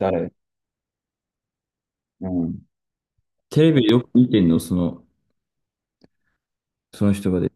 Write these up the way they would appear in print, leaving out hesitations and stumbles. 誰？うん。テレビよく見てんの、その人がで。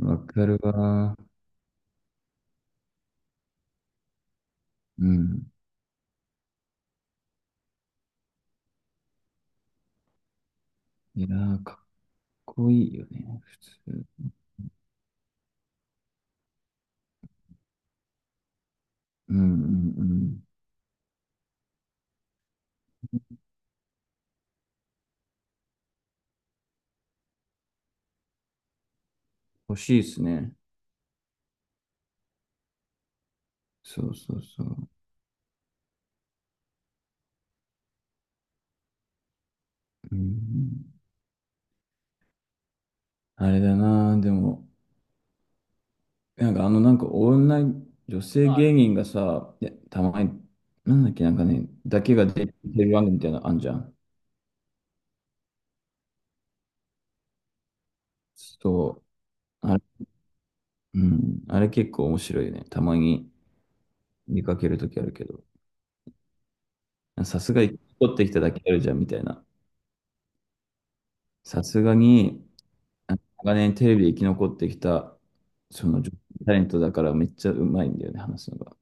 わかるわ。うん。いやー、かっこいいよね、普通。うんうんうん。欲しいですね。そうそうそう。うん。あれだな、でも、なんかなんか女性芸人がさ、いやたまに、なんだっけ、なんかね、だけが出てる番組みたいなのあんじゃん。そう。うん。あれ結構面白いよね。たまに見かけるときあるけど。さすが生き残ってきただけあるじゃん、みたいな。さすがに、あ長年テレビで生き残ってきた、その女性タレントだからめっちゃうまいんだよね、話すのが。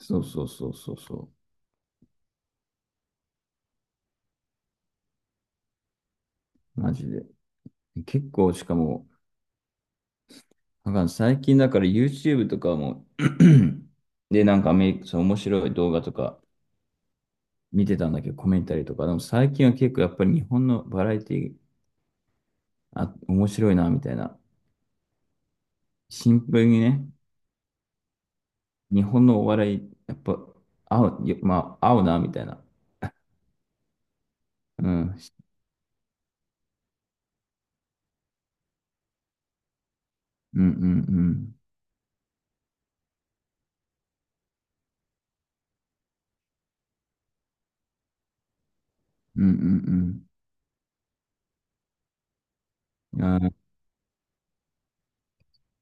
そうそうそうそうそう。マジで。結構、しかも、なんか最近だから YouTube とかも で、なんかアメリカ、その面白い動画とか見てたんだけど、コメンタリーとか。でも最近は結構やっぱり日本のバラエティー、あ、面白いな、みたいな。シンプルにね、日本のお笑い、やっぱ、合う、よまあ、合うな、みたいな。うん。うんうんうん。うんうんうん。あー、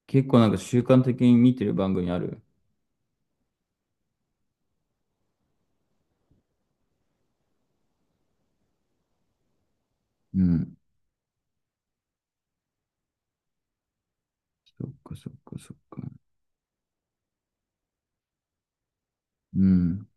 結構なんか習慣的に見てる番組ある？うん。そっかそっかそっか。うん。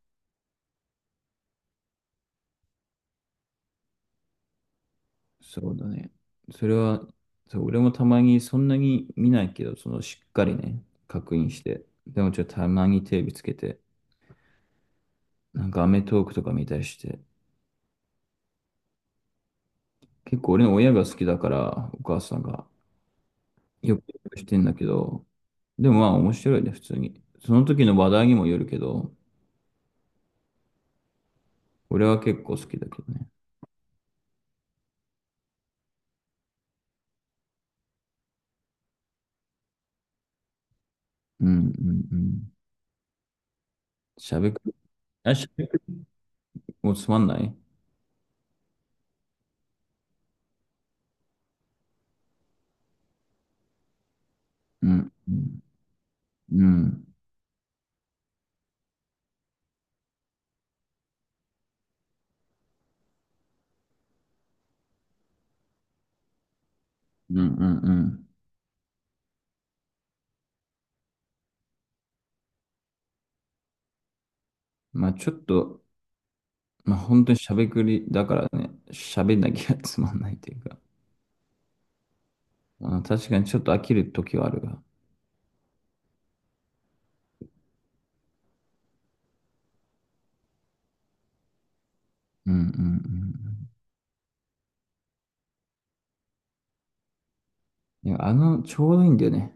そうだね。それは、そう、俺もたまにそんなに見ないけど、そのしっかりね、確認して。でもちょっとたまにテレビつけて、なんかアメトーークとか見たりして。結構俺の親が好きだから、お母さんが。よくしてんだけど、でもまあ面白いね、普通に。その時の話題にもよるけど、俺は結構好きだけどね。うんうんうん。しゃべくり、しゃべくりもつまんない？うんうんうんうんうん。まあちょっと、まあ本当にしゃべくりだからね、しゃべんなきゃつまんないというか、まあ確かにちょっと飽きる時はあるが。うんうんうん。いや、ちょうどいいんだよね。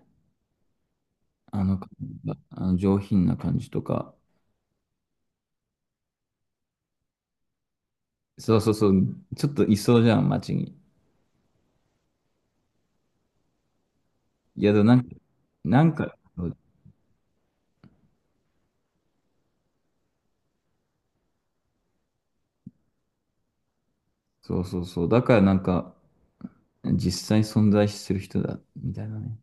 あの感じが、あの上品な感じとか。そうそうそう、ちょっといそうじゃん、街に。いや、でもなんか、なんか、そうそうそう。だからなんか、実際存在する人だ、みたいなね。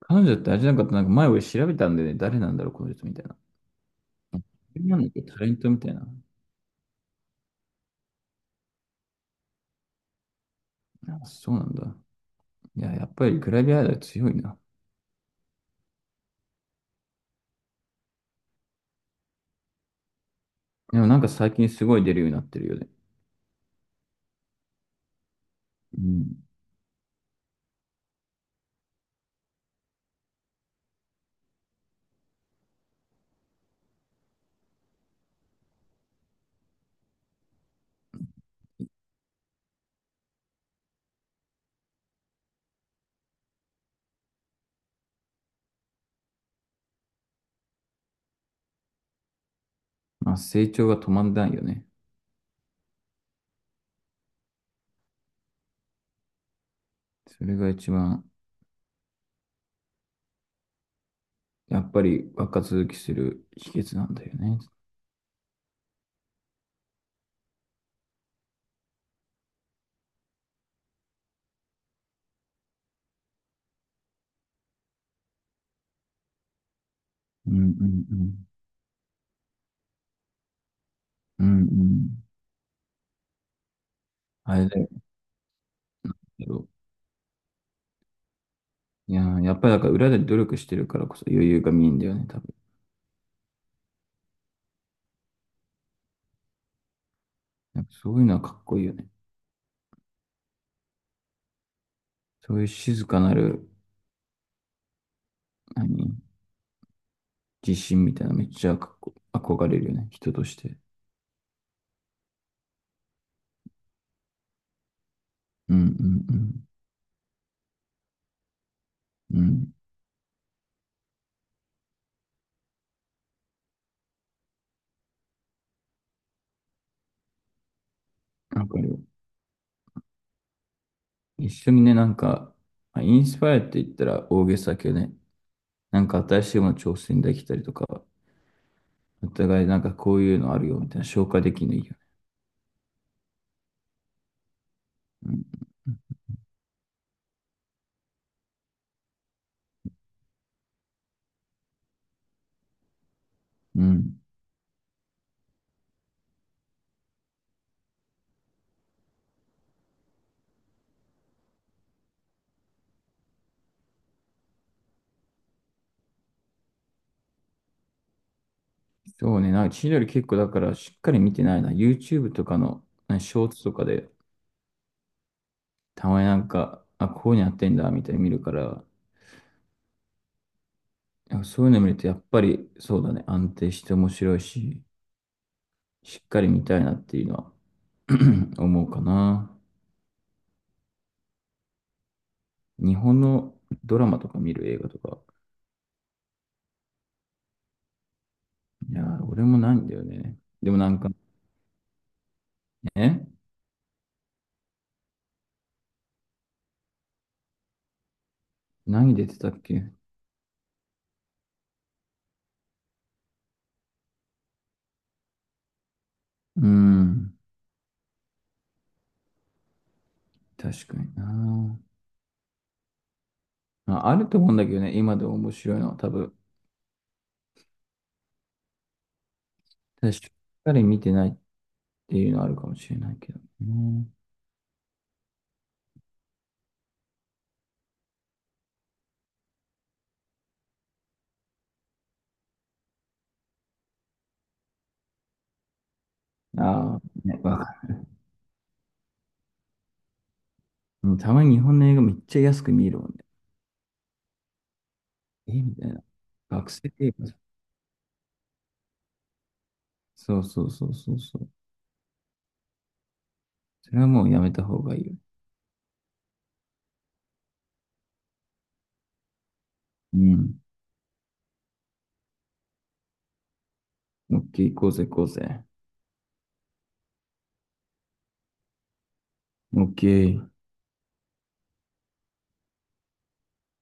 彼女ってあれじゃなかった、なんか前俺調べたんでね、誰なんだろう、この人みたいな。なんだっけ、タレントみたいな。あ、そうなんだ。いや、やっぱりグラビアアイドル強いな。でもなんか最近すごい出るようになってるよね。うん。まあ成長が止まんないよね。それが一番、やっぱり若続きする秘訣なんだよね。うんうんうん。うんうん。あれだよ。いやー、やっぱりだから裏で努力してるからこそ余裕が見えんだよね、多分。なんかそういうのはかっこいいよね。そういう静かなる、何、自信みたいなのめっちゃかっこ、憧れるよね、人として。うんうんうん。うん、わかるよ。一緒にね、なんか、まあインスパイアって言ったら大げさだけどね、なんか新しいもの挑戦できたりとか、お互いなんかこういうのあるよみたいな紹介できるのいいよね。うん。うんうん。そうね、なんか千鳥結構だからしっかり見てないな。YouTube とかの、なんかショーツとかでたまになんか、あ、こういうのやってんだ、みたいに見るから、なんかそういうの見るとやっぱりそうだね、安定して面白いし、しっかり見たいなっていうのは 思うかな。日本のドラマとか見る？映画とか。いやー、俺もないんだよね。でもなんかね、何出てたっけ？うん、確かにな。まあ、あると思うんだけどね、今でも面白いのは多分、ただしっかり見てないっていうのはあるかもしれないけどね。ああ、ね、うん、たまに日本の映画めっちゃ安く見えるもんね。えみたいな。学生映画じゃん。そうそうそうそうそう。それはもうやめた方がいいよ。うん。オッケー、行こうぜ、行こうぜ。オッケー。